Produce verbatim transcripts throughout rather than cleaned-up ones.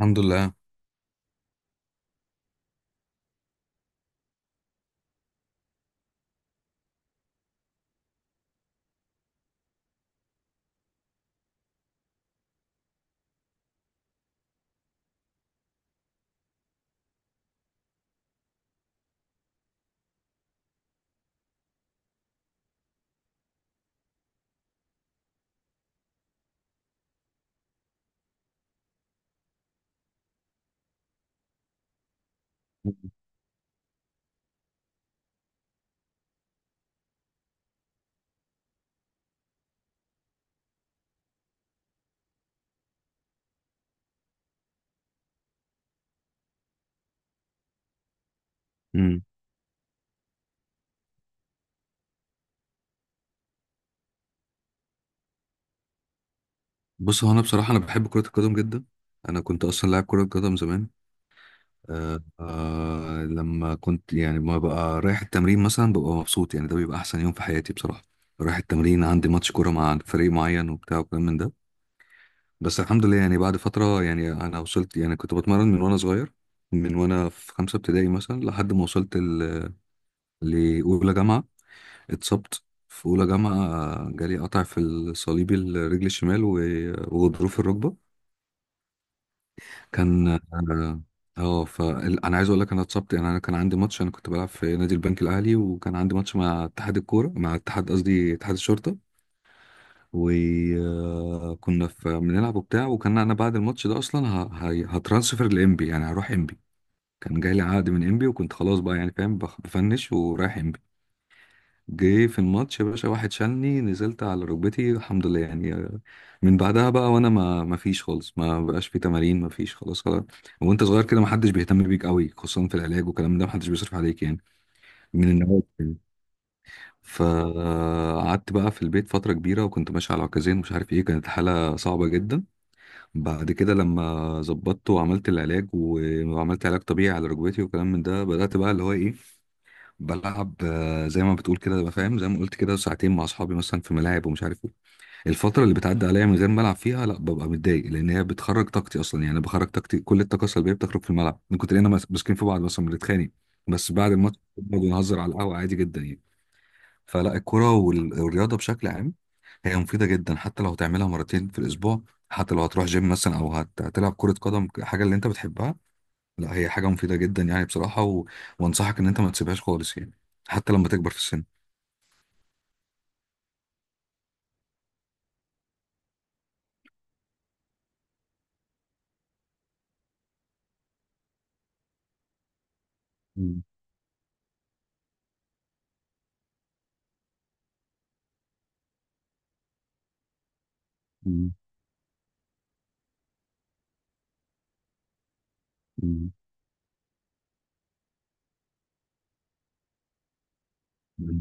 الحمد لله. امم بص، هو انا بصراحه انا بحب كره القدم جدا. انا كنت اصلا لاعب كره قدم زمان. آه، آه، لما كنت، يعني، ما بقى رايح التمرين مثلا ببقى مبسوط، يعني ده بيبقى احسن يوم في حياتي بصراحه. رايح التمرين عندي ماتش كوره مع فريق معين وبتاع وكلام من ده. بس الحمد لله، يعني بعد فتره، يعني انا وصلت، يعني كنت بتمرن من وانا صغير، من وانا في خمسه ابتدائي مثلا لحد ما وصلت ال- لاولى جامعه. اتصبت في اولى جامعه، جالي قطع في الصليبي الرجل الشمال و- وغضروف الركبه. كان اه آه، ف انا عايز اقول لك، انا اتصبت، يعني انا كان عندي ماتش، انا كنت بلعب في نادي البنك الاهلي وكان عندي ماتش مع اتحاد الكوره، مع اتحاد، قصدي اتحاد الشرطه. وكنا في بنلعب وبتاع، وكان انا بعد الماتش ده اصلا ه... ه... هترانسفر لامبي، يعني هروح امبي. كان جاي لي عقد من امبي وكنت خلاص بقى، يعني فاهم، بخ- بفنش ورايح امبي. جه في الماتش يا باشا واحد شالني، نزلت على ركبتي، الحمد لله يعني. من بعدها بقى، وانا ما ما فيش خالص، ما بقاش في تمارين، ما فيش، خلاص خلاص. وانت صغير كده ما حدش بيهتم بيك قوي، خصوصا في العلاج والكلام ده، ما حدش بيصرف عليك، يعني من النوادي يعني. فقعدت بقى في البيت فترة كبيرة، وكنت ماشي على عكازين، مش عارف ايه، كانت حالة صعبة جدا. بعد كده لما ظبطت وعملت العلاج وعملت علاج طبيعي على ركبتي وكلام من ده، بدأت بقى اللي هو ايه، بلعب آه، زي ما بتقول كده، ببقى فاهم زي ما قلت كده ساعتين مع اصحابي مثلا في ملاعب ومش عارف ايه. الفتره اللي بتعدي عليا من غير ما العب فيها لا ببقى متضايق، لان هي بتخرج طاقتي اصلا. يعني أنا بخرج طاقتي، كل الطاقه السلبيه بتخرج في الملعب، من كتر اننا ماس- ماسكين في بعض مثلا، بنتخانق. بس بعد الماتش بنقعد ونهزر على القهوه عادي جدا يعني. فلا الكره وال- والرياضه بشكل عام هي مفيده جدا، حتى لو هتعملها مرتين في الاسبوع، حتى لو هتروح جيم مثلا او هت- هتلعب كره قدم، حاجه اللي انت بتحبها. لا هي حاجه مفيده جدا يعني بصراحه. و... وانصحك ان انت ما تسيبهاش خالص يعني، حتى لما تكبر في السن. مم. مم. مم. مم.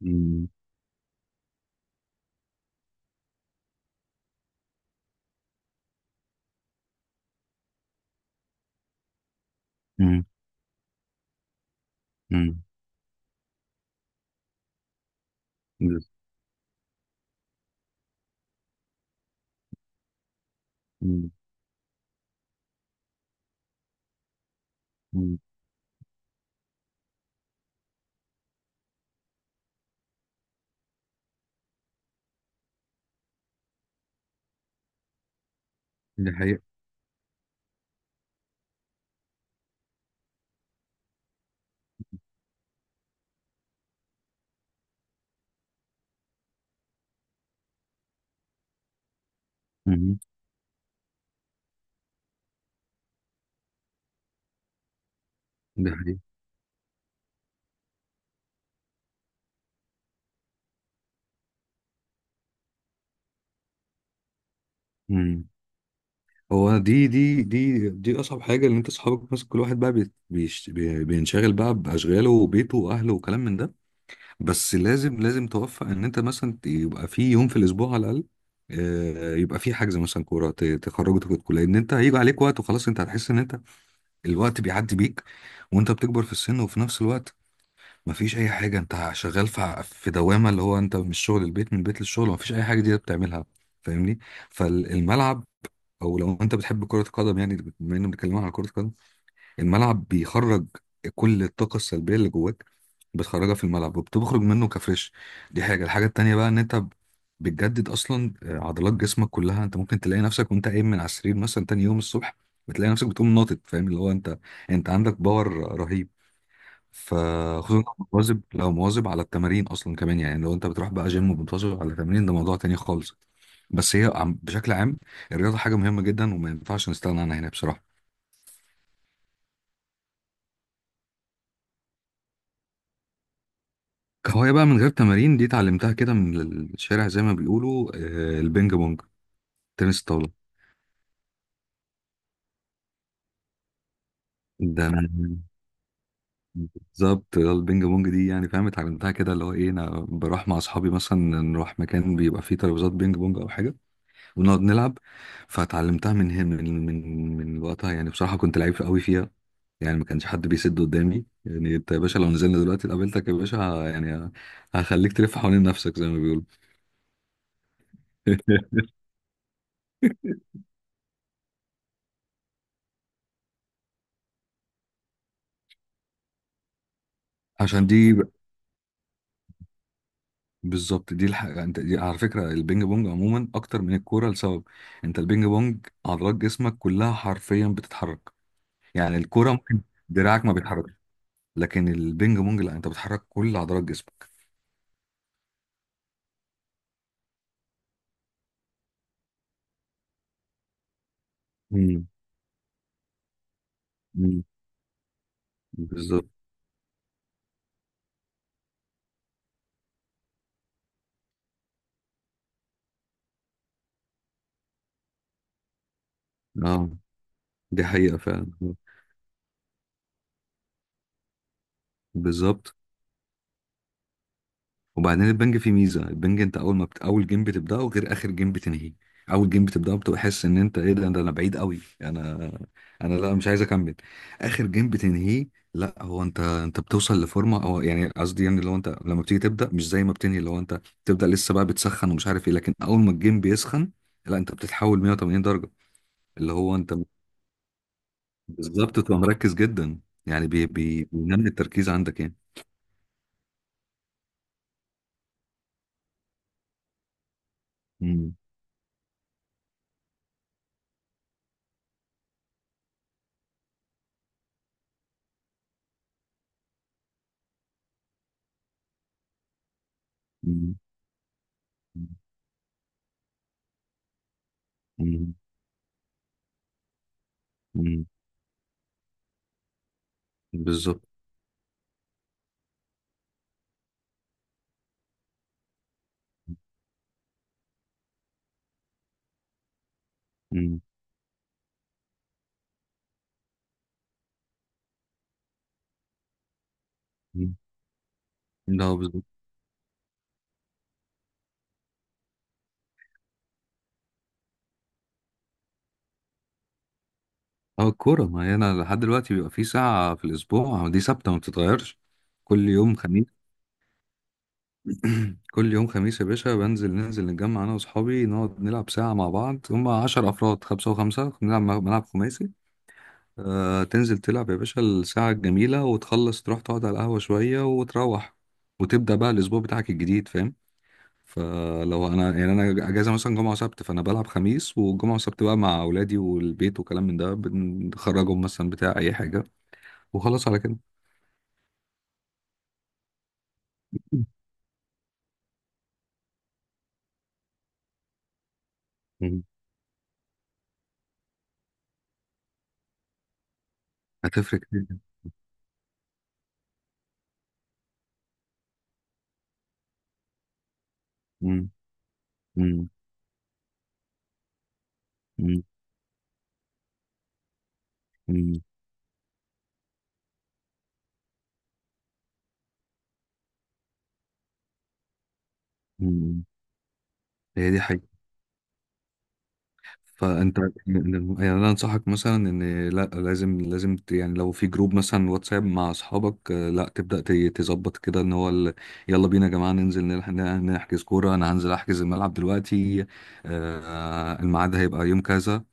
مم. مم. مم. مم. مم. دي حقيقة. مم. دي حقيقة. مم. هو دي دي دي دي أصعب حاجة، إن أنت أصحابك مثلا كل واحد بقى بي- بيش بي- بينشغل بقى بأشغاله وبيته وأهله وكلام من ده. بس لازم لازم توفق إن أنت مثلا ت- يبقى في يوم في الأسبوع على الأقل، آه، يبقى في حجز مثلا كورة ت- تخرجوا تاخدوا. لأن أنت هيجي عليك وقت وخلاص، أنت هتحس إن أنت الوقت بيعدي بيك، وأنت بتكبر في السن، وفي نفس الوقت مفيش اي حاجه، انت شغال في ع- في دوامه، اللي هو انت من الشغل البيت، من البيت للشغل، مفيش اي حاجه دي بتعملها. فاهمني؟ فالملعب، او لو انت بتحب كره القدم، يعني بما اننا بنتكلم عن كره القدم، الملعب بيخرج كل الطاقه السلبيه اللي جواك، بتخرجها في الملعب وبتخرج منه كفريش. دي حاجه. الحاجه التانيه بقى ان انت ب- بتجدد اصلا آه، عضلات جسمك كلها. انت ممكن تلاقي نفسك وانت قايم من على السرير مثلا تاني يوم الصبح، بتلاقي نفسك بتقوم ناطط، فاهم اللي هو انت انت عندك باور رهيب. فخصوصا لو مواظب، لو مواظب على التمارين اصلا كمان، يعني لو انت بتروح بقى جيم وبتواظب على التمارين ده موضوع تاني خالص. بس هي عم بشكل عام الرياضه حاجه مهمه جدا وما ينفعش نستغنى عنها هنا بصراحه. كهوايه بقى، من غير تمارين، دي اتعلمتها كده من الشارع، زي ما بيقولوا، آه، البينج بونج، تنس الطاوله. ده انا، بالظبط، آه، البينج بونج دي يعني فاهم اتعلمتها كده، اللي هو ايه، انا بروح مع اصحابي مثلا، نروح مكان بيبقى فيه ترابيزات بينج بونج او حاجه ونقعد نلعب. فاتعلمتها من هنا، من من من وقتها، يعني بصراحة كنت لعيب قوي فيها، يعني ما كانش حد بيسد قدامي. يعني انت يا باشا، لو نزلنا دلوقتي قابلتك يا باشا، ه- يعني ه- هخليك تلف حوالين نفسك زي ما بيقولوا. عشان دي ب- بالظبط، دي الحاجة، انت دي على فكرة البينج بونج عموما اكتر من الكورة لسبب: انت البينج بونج عضلات جسمك كلها حرفيا بتتحرك. يعني الكورة ممكن دراعك ما بيتحركش، لكن البينج بونج لا، انت بتحرك كل عضلات جسمك. امم بالظبط. اه، دي حقيقة فعلا. بالظبط. وبعدين البنج فيه ميزة، البنج انت اول ما بت... اول جيم بتبدأه غير اخر جيم بتنهيه. اول جيم بتبدأه بتبقى حاسس ان انت ايه ده، ده انا بعيد قوي، انا، انا لا مش عايز اكمل. اخر جيم بتنهيه لا، هو انت، انت بتوصل لفورمة، او يعني قصدي، يعني لو انت لما بتيجي تبدأ مش زي ما بتنهي، لو انت بتبدأ لسه بقى بتسخن ومش عارف ايه، لكن اول ما الجيم بيسخن لا، انت بتتحول مية وثمانين درجة. اللي هو انت بالظبط، تبقى مركز جدا، يعني بي... بي... بينمي التركيز عندك يعني. مم. مم. مم. مم. بالظبط. مم. مم. لا، بالظبط. اه، الكورة، ما هي انا لحد دلوقتي بيبقى في ساعة في الأسبوع، دي ثابتة ما بتتغيرش. كل يوم خميس، كل يوم خميس يا باشا، بنزل ننزل نتجمع أنا وأصحابي، نقعد نلعب ساعة مع بعض، هما عشر أفراد، خمسة وخمسة، بنلعب ملعب خماسي. آه تنزل تلعب يا باشا الساعة الجميلة وتخلص، تروح تقعد على القهوة شوية وتروح، وتبدأ بقى الأسبوع بتاعك الجديد، فاهم؟ فلو انا، يعني انا اجازه مثلا جمعه وسبت، فانا بلعب خميس، والجمعه وسبت بقى مع اولادي والبيت وكلام من ده، بنخرجهم مثلا بتاع اي حاجه، وخلاص على كده. مم. هتفرق كتير جدا. مم. مم. مم. مم. مم. هي دي. فانت، يعني، يعني انا انصحك مثلا ان لا، لازم لازم ت- يعني لو في جروب مثلا واتساب مع اصحابك، آه، لا تبدا ت- تظبط كده ان هو ال- يلا بينا يا جماعه، ننزل نلح- نحجز كوره، انا هنزل احجز الملعب دلوقتي، آه، الميعاد هيبقى يوم كذا.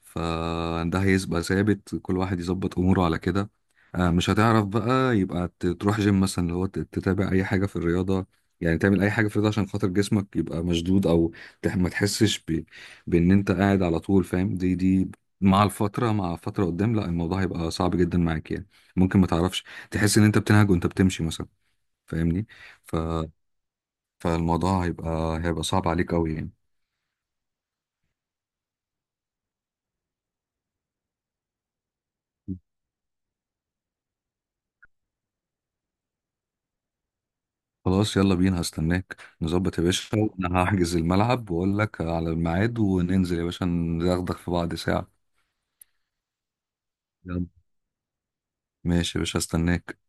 فده هيبقى ثابت، كل واحد يظبط اموره على كده، آه، مش هتعرف بقى يبقى ت- تروح جيم مثلا، اللي هو ت- تتابع اي حاجه في الرياضه، يعني تعمل اي حاجه في الرياضه عشان خاطر جسمك يبقى مشدود، او تح- ما تحسش ب... بان انت قاعد على طول. فاهم؟ دي دي مع الفتره مع فتره قدام، لا الموضوع هيبقى صعب جدا معاك يعني، ممكن ما تعرفش، تحس ان انت بتنهج وانت بتمشي مثلا، فاهمني؟ ف... فالموضوع هيبقى هيبقى صعب عليك قوي يعني. خلاص، يلا بينا، هستناك نظبط يا باشا، انا هحجز الملعب واقول لك على الميعاد، وننزل يا باشا ناخدك في بعض ساعة. يلا، ماشي يا باشا، هستناك.